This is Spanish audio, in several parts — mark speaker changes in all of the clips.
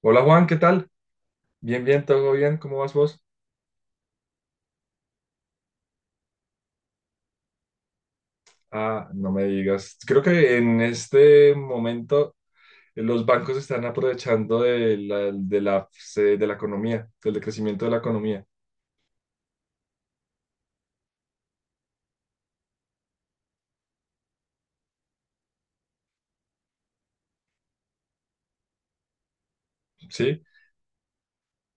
Speaker 1: Hola Juan, ¿qué tal? Bien, bien, todo bien, ¿cómo vas vos? Ah, no me digas. Creo que en este momento los bancos están aprovechando de la economía, del decrecimiento de la economía, ¿sí?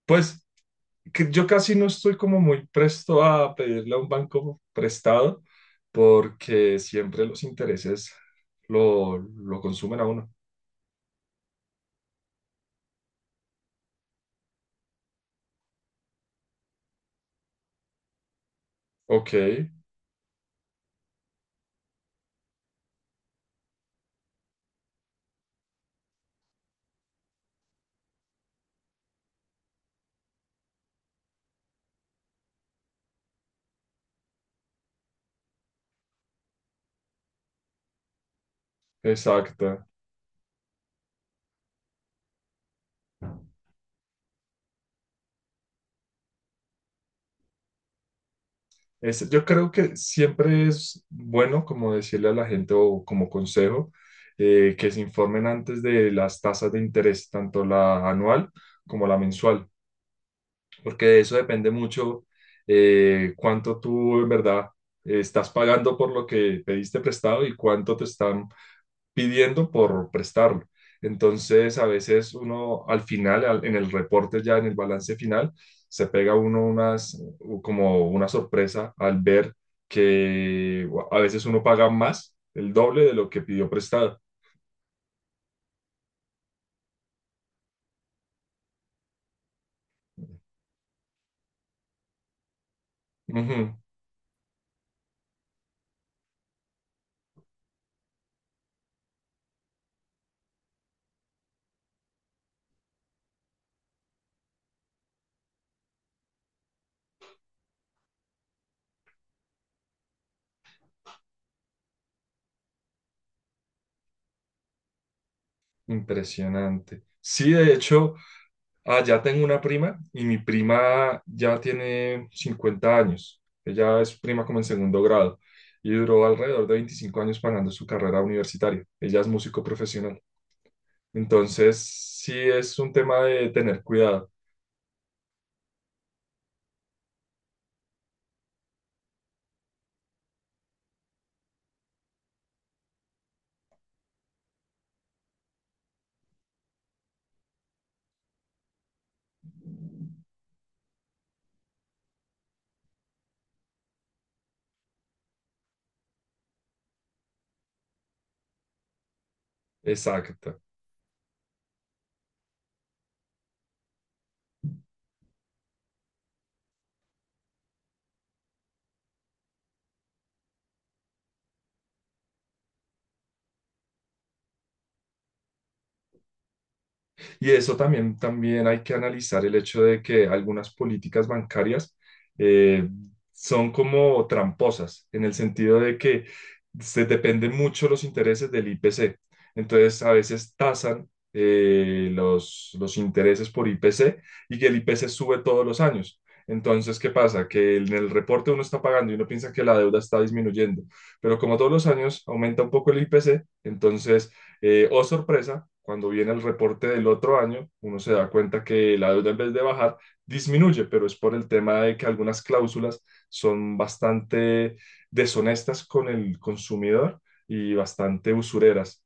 Speaker 1: Pues que yo casi no estoy como muy presto a pedirle a un banco prestado porque siempre los intereses lo consumen a uno. Ok, exacto. Yo creo que siempre es bueno como decirle a la gente o como consejo, que se informen antes de las tasas de interés, tanto la anual como la mensual, porque de eso depende mucho cuánto tú en verdad estás pagando por lo que pediste prestado y cuánto te están pidiendo por prestarlo. Entonces, a veces uno al final, en el reporte ya, en el balance final, se pega uno unas, como una sorpresa al ver que a veces uno paga más, el doble de lo que pidió prestado. Ujú. Impresionante. Sí, de hecho, allá tengo una prima y mi prima ya tiene 50 años. Ella es prima como en segundo grado y duró alrededor de 25 años pagando su carrera universitaria. Ella es músico profesional. Entonces, sí es un tema de tener cuidado. Exacto. Y eso también, también hay que analizar el hecho de que algunas políticas bancarias eh, son como tramposas, en el sentido de que se dependen mucho los intereses del IPC. Entonces, a veces tasan los intereses por IPC y que el IPC sube todos los años. Entonces, ¿qué pasa? Que en el reporte uno está pagando y uno piensa que la deuda está disminuyendo, pero como todos los años aumenta un poco el IPC, entonces, oh sorpresa, cuando viene el reporte del otro año, uno se da cuenta que la deuda en vez de bajar, disminuye, pero es por el tema de que algunas cláusulas son bastante deshonestas con el consumidor y bastante usureras.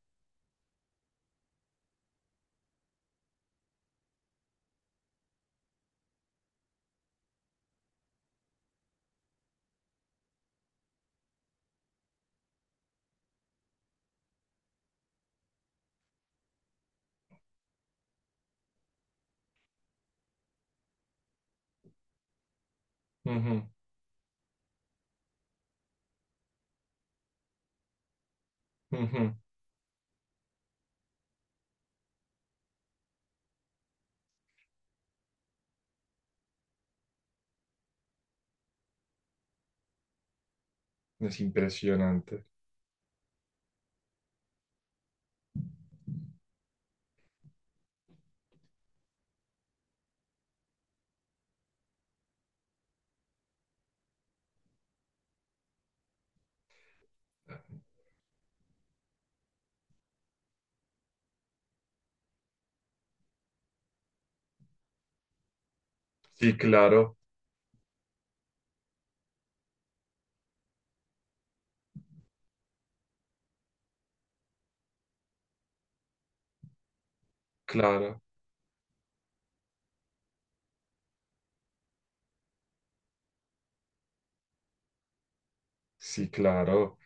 Speaker 1: Ujú, ujú. Es impresionante. Sí, claro, claro. Sí, claro.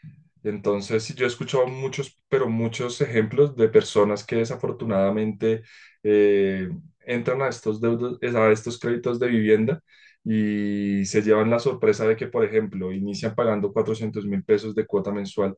Speaker 1: Entonces, sí, yo he escuchado muchos, pero muchos ejemplos de personas que desafortunadamente eh, entran a estos deudos, a estos créditos de vivienda y se llevan la sorpresa de que, por ejemplo, inician pagando 400 mil pesos de cuota mensual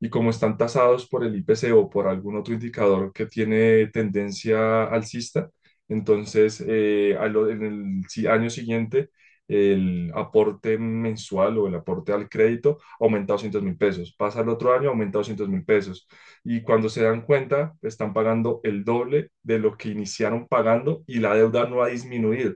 Speaker 1: y como están tasados por el IPC o por algún otro indicador que tiene tendencia alcista, entonces en el año siguiente el aporte mensual o el aporte al crédito aumenta 200 mil pesos, pasa el otro año, aumenta 200 mil pesos. Y cuando se dan cuenta, están pagando el doble de lo que iniciaron pagando y la deuda no ha disminuido.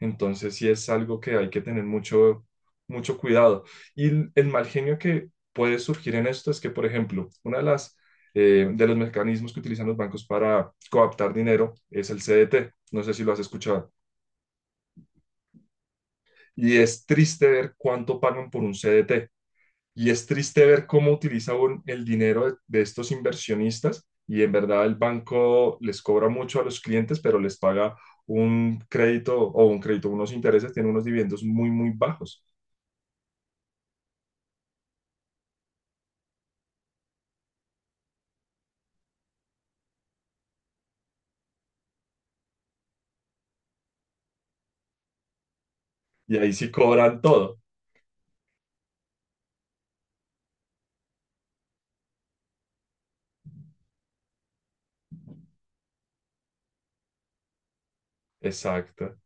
Speaker 1: Entonces sí es algo que hay que tener mucho, mucho cuidado. Y el mal genio que puede surgir en esto es que, por ejemplo, una de las... de los mecanismos que utilizan los bancos para coaptar dinero es el CDT. No sé si lo has escuchado. Y es triste ver cuánto pagan por un CDT. Y es triste ver cómo utilizan el dinero de estos inversionistas y en verdad el banco les cobra mucho a los clientes, pero les paga un crédito o un crédito, unos intereses, tiene unos dividendos muy, muy bajos. Y ahí sí cobran todo. Exacto,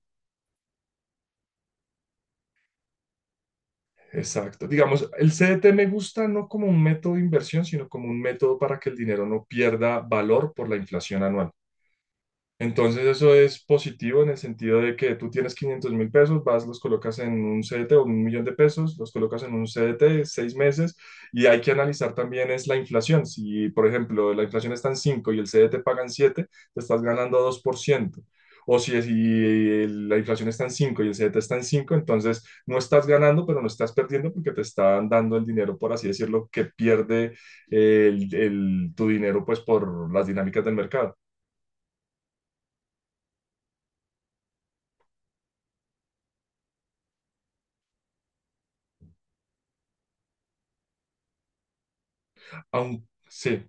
Speaker 1: exacto. Digamos, el CDT me gusta no como un método de inversión, sino como un método para que el dinero no pierda valor por la inflación anual. Entonces eso es positivo en el sentido de que tú tienes 500 mil pesos, vas, los colocas en un CDT o un millón de pesos, los colocas en un CDT seis meses y hay que analizar también es la inflación. Si, por ejemplo, la inflación está en 5 y el CDT paga en 7, te estás ganando dos por ciento. O si, si la inflación está en 5 y el CDT está en 5, entonces no estás ganando, pero no estás perdiendo porque te están dando el dinero, por así decirlo, que pierde tu dinero pues por las dinámicas del mercado. Sí.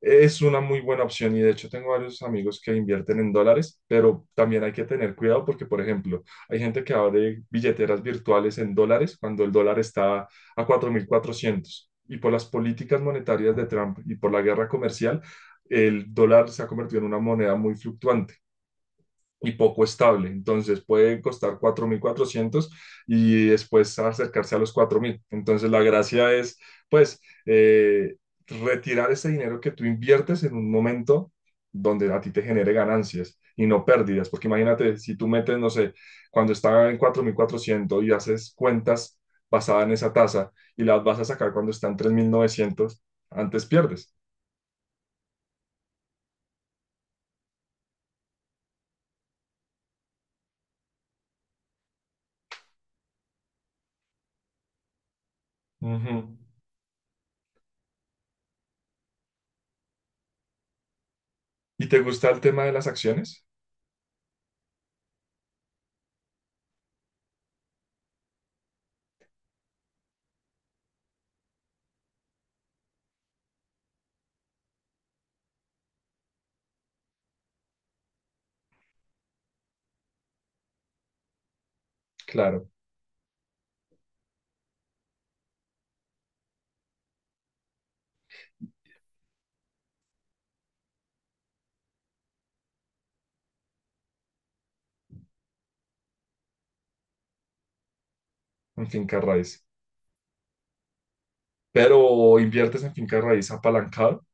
Speaker 1: Es una muy buena opción y de hecho tengo varios amigos que invierten en dólares, pero también hay que tener cuidado porque, por ejemplo, hay gente que abre billeteras virtuales en dólares cuando el dólar está a 4.400 y por las políticas monetarias de Trump y por la guerra comercial, el dólar se ha convertido en una moneda muy fluctuante y poco estable. Entonces puede costar 4.400 y después acercarse a los cuatro mil. Entonces la gracia es, pues, eh, retirar ese dinero que tú inviertes en un momento donde a ti te genere ganancias y no pérdidas. Porque imagínate, si tú metes, no sé, cuando está en 4.400 y haces cuentas basadas en esa tasa y las vas a sacar cuando está en 3.900 antes pierdes. Uh -huh. ¿Y te gusta el tema de las acciones? Claro, en Finca Raíz. Pero inviertes en finca raíz apalancado.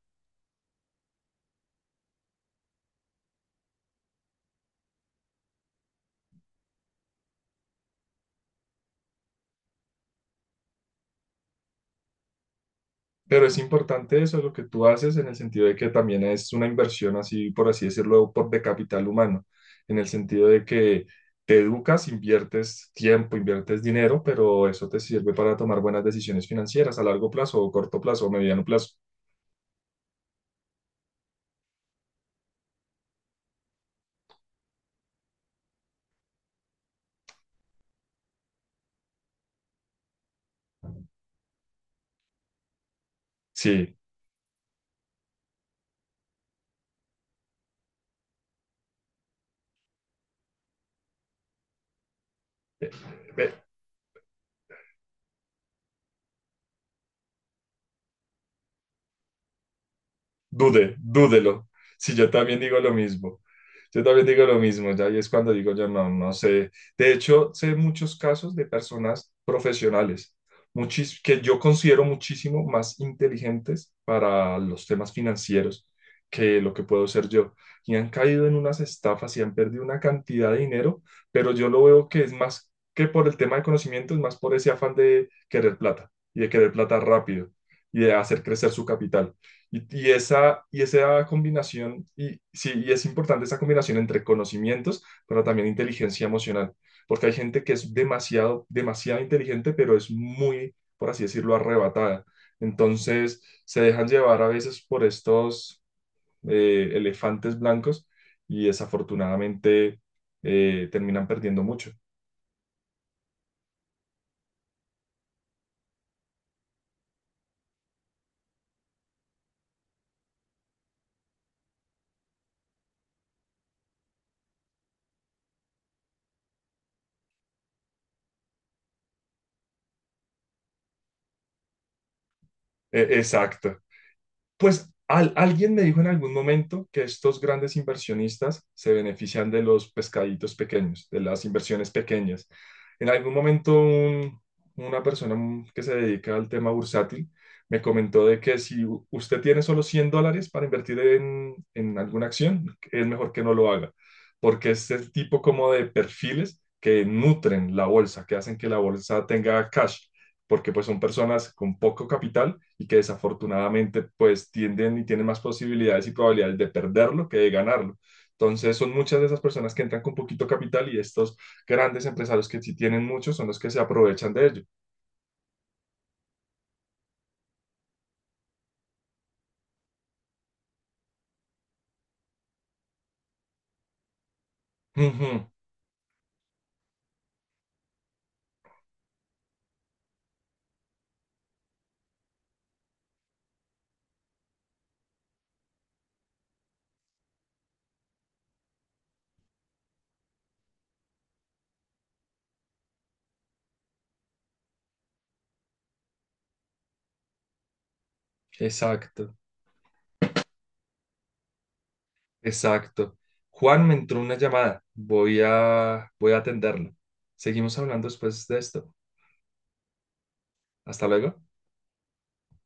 Speaker 1: Pero es importante eso, lo que tú haces, en el sentido de que también es una inversión, así por así decirlo, por, de capital humano, en el sentido de que te educas, inviertes tiempo, inviertes dinero, pero eso te sirve para tomar buenas decisiones financieras a largo plazo, o corto plazo, o mediano plazo. Sí, dude, dúdelo. Si yo también digo lo mismo. Yo también digo lo mismo, ya, y es cuando digo yo no, no sé. De hecho, sé muchos casos de personas profesionales, que yo considero muchísimo más inteligentes para los temas financieros que lo que puedo ser yo. Y han caído en unas estafas y han perdido una cantidad de dinero, pero yo lo veo que es más que por el tema de conocimiento, es más por ese afán de querer plata y de querer plata rápido y de hacer crecer su capital. Y esa combinación, y sí, y es importante esa combinación entre conocimientos, pero también inteligencia emocional, porque hay gente que es demasiado, demasiado inteligente, pero es muy, por así decirlo, arrebatada. Entonces, se dejan llevar a veces por estos elefantes blancos y desafortunadamente terminan perdiendo mucho. Exacto. Pues alguien me dijo en algún momento que estos grandes inversionistas se benefician de los pescaditos pequeños, de las inversiones pequeñas. En algún momento una persona, que se dedica al tema bursátil me comentó de que si usted tiene solo 100 dólares para invertir en alguna acción, es mejor que no lo haga, porque es el tipo como de perfiles que nutren la bolsa, que hacen que la bolsa tenga cash porque pues son personas con poco capital y que desafortunadamente pues tienden y tienen más posibilidades y probabilidades de perderlo que de ganarlo. Entonces son muchas de esas personas que entran con poquito capital y estos grandes empresarios que sí tienen muchos son los que se aprovechan de ello. Ujú, exacto, exacto. Juan, me entró una llamada. Voy a, voy a atenderla. Seguimos hablando después de esto. Hasta luego.